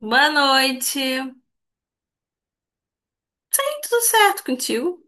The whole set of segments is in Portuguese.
Boa noite. Ei, tudo certo contigo?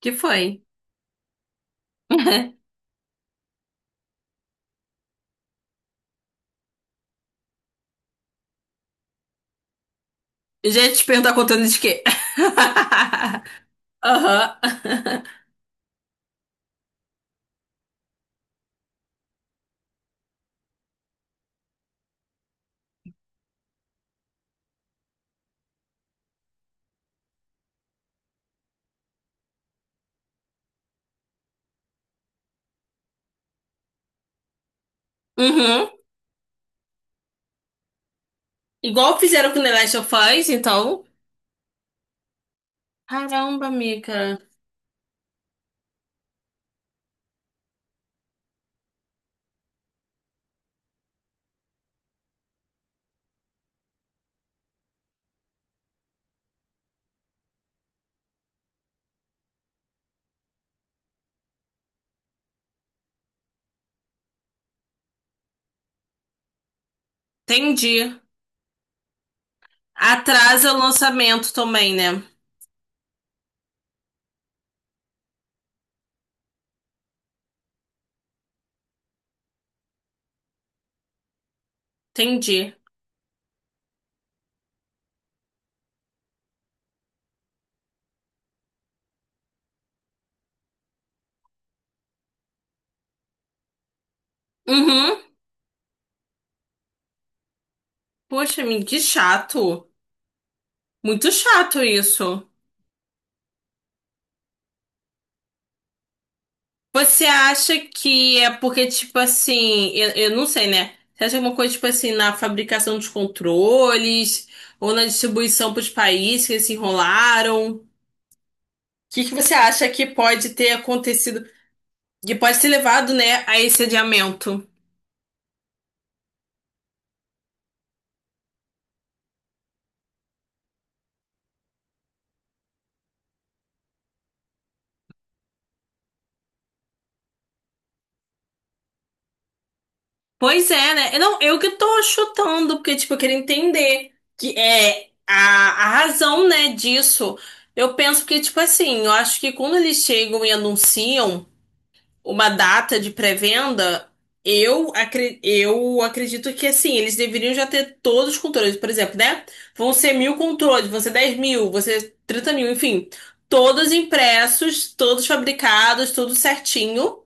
Que foi? Gente, te perguntar contando de quê? Aham. Uhum. Igual fizeram com The Last of Us, então. Caramba, amiga. Entendi. Atrasa o lançamento também, né? Entendi. Uhum. Poxa, amiga, que chato. Muito chato isso. Você acha que é porque, tipo assim, eu não sei, né? Você acha que é uma coisa, tipo assim, na fabricação dos controles ou na distribuição para os países que eles se enrolaram? O que você acha que pode ter acontecido, que pode ter levado, né, a esse adiamento? Pois é, né? Eu não, eu que tô chutando, porque, tipo, eu queria entender que é a razão, né, disso. Eu penso que, tipo assim, eu acho que quando eles chegam e anunciam uma data de pré-venda, eu, eu acredito que assim, eles deveriam já ter todos os controles. Por exemplo, né? Vão ser mil controles, vão ser 10 mil, vão ser 30 mil, enfim. Todos impressos, todos fabricados, tudo certinho,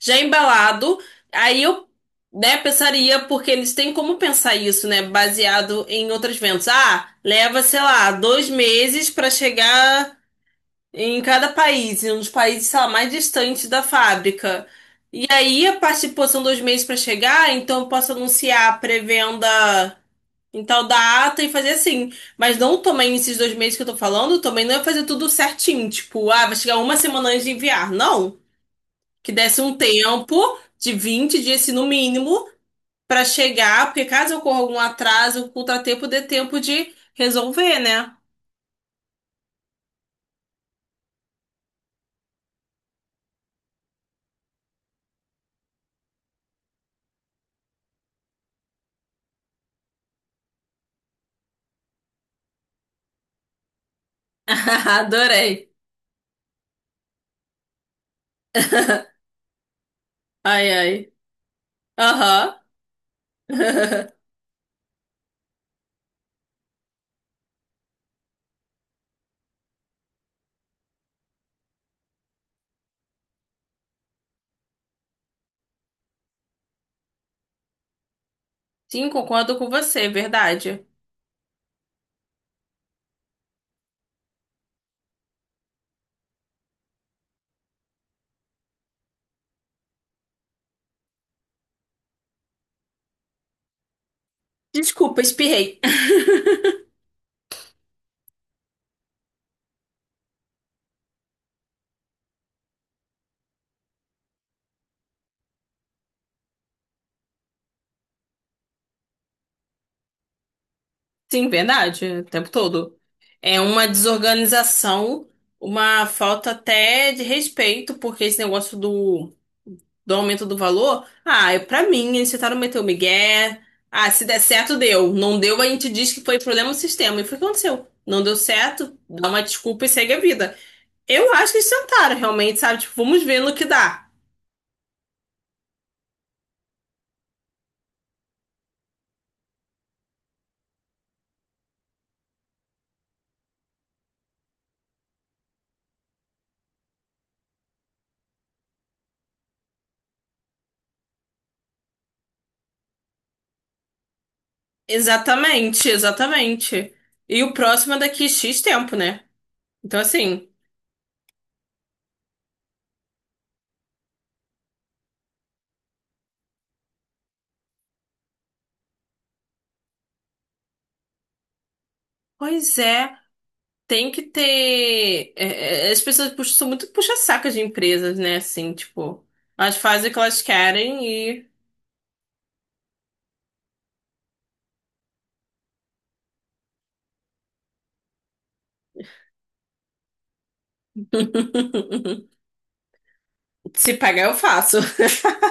já embalado. Aí eu, né, pensaria, porque eles têm como pensar isso, né? Baseado em outras vendas. Ah, leva, sei lá, dois meses para chegar em cada país, em um dos países, sei lá, mais distantes da fábrica. E aí, a participação são dois meses para chegar, então eu posso anunciar a pré-venda em tal data e fazer assim. Mas não, também esses dois meses que eu tô falando, também não é fazer tudo certinho. Tipo, ah, vai chegar uma semana antes de enviar. Não. Que desse um tempo de 20 dias, se no mínimo, para chegar, porque caso ocorra algum atraso, o contratempo dê tempo de resolver, né? Adorei. Ai, ai. Aham. Sim, concordo com você, é verdade. Desculpa, espirrei. Sim, verdade, o tempo todo. É uma desorganização, uma falta até de respeito, porque esse negócio do, do aumento do valor, ah, é pra mim, eles tentaram meter o migué. Ah, se der certo, deu. Não deu, a gente diz que foi problema do sistema. E foi o que aconteceu. Não deu certo, dá uma desculpa e segue a vida. Eu acho que eles tentaram, realmente, sabe? Tipo, vamos ver no que dá. Exatamente, exatamente. E o próximo é daqui X tempo, né? Então, assim, pois é, tem que ter. As pessoas puxam, são muito puxa-saca de empresas, né? Assim, tipo, elas fazem o que elas querem e se pagar eu faço.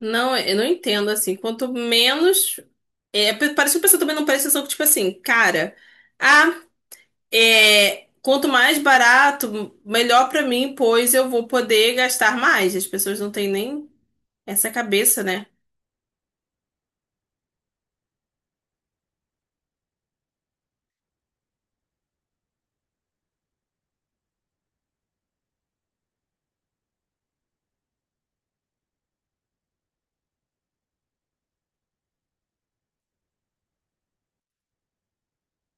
Não, eu não entendo, assim, quanto menos. É, parece que o pessoal também não presta atenção que, tipo assim, cara. ah, É, quanto mais barato, melhor pra mim, pois eu vou poder gastar mais. As pessoas não têm nem essa cabeça, né?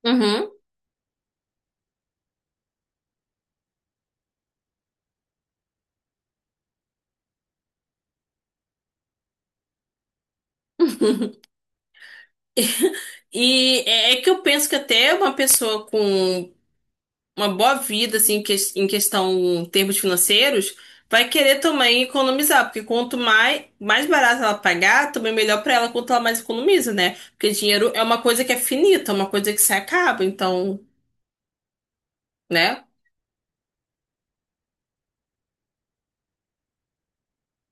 Uhum. E que eu penso que até uma pessoa com uma boa vida, assim, em questão termos financeiros, vai querer também economizar, porque quanto mais, mais barato ela pagar, também melhor pra ela quanto ela mais economiza, né? Porque dinheiro é uma coisa que é finita, é uma coisa que se acaba, então, né?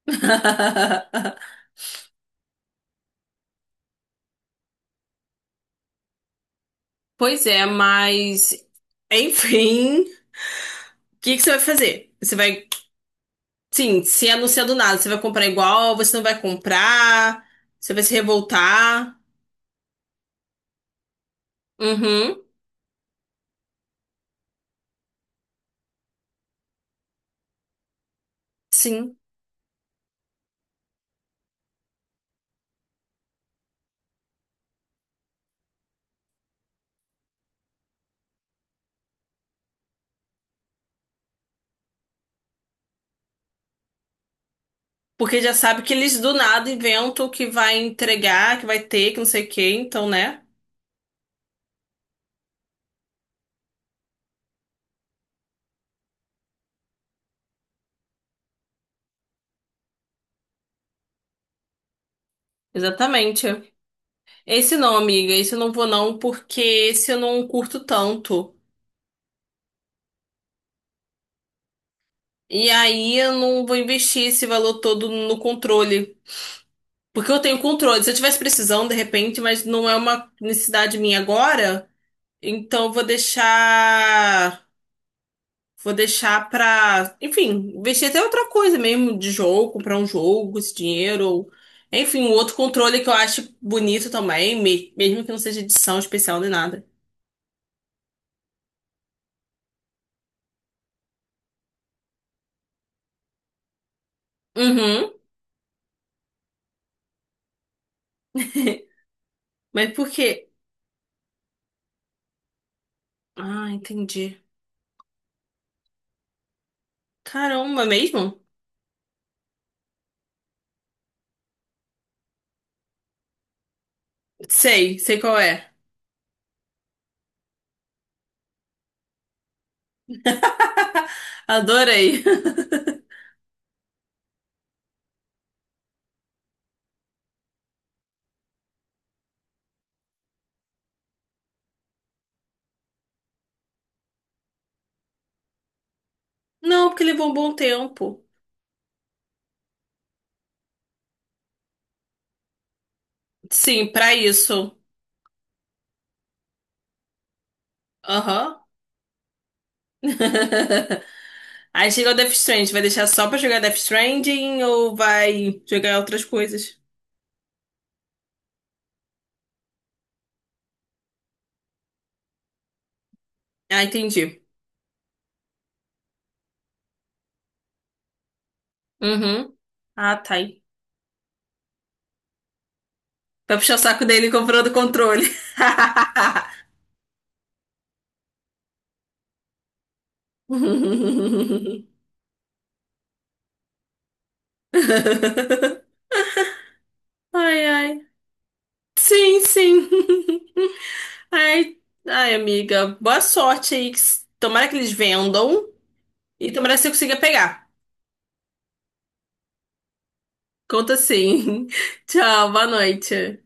Pois é, mas enfim, o que você vai fazer? Você vai, sim, se anunciar do nada, você vai comprar igual, você não vai comprar, você vai se revoltar. Uhum, sim. Porque já sabe que eles do nada inventam que vai entregar, que vai ter, que não sei o quê, então, né? Exatamente. Esse não, amiga, esse eu não vou não, porque esse eu não curto tanto. E aí eu não vou investir esse valor todo no controle. Porque eu tenho controle. Se eu tivesse precisando, de repente, mas não é uma necessidade minha agora, então eu vou deixar. Vou deixar pra. Enfim, investir até em outra coisa mesmo, de jogo, comprar um jogo, com esse dinheiro, ou. Enfim, um outro controle que eu acho bonito também, mesmo que não seja edição especial nem nada. Uhum. Mas por quê? Ah, entendi. Caramba, mesmo? Sei, sei qual é. Adorei. Não, porque levou um bom tempo. Sim, pra isso. Aham. Aí chega o Death Stranding, vai deixar só pra jogar Death Stranding ou vai jogar outras coisas? Ah, entendi. Uhum. Ah, tá aí. Pra puxar o saco dele comprando controle. Ai, ai. Sim, sim. Ai, ai, amiga. Boa sorte aí. Tomara que eles vendam e tomara que você consiga pegar. Conta sim. Tchau, boa noite.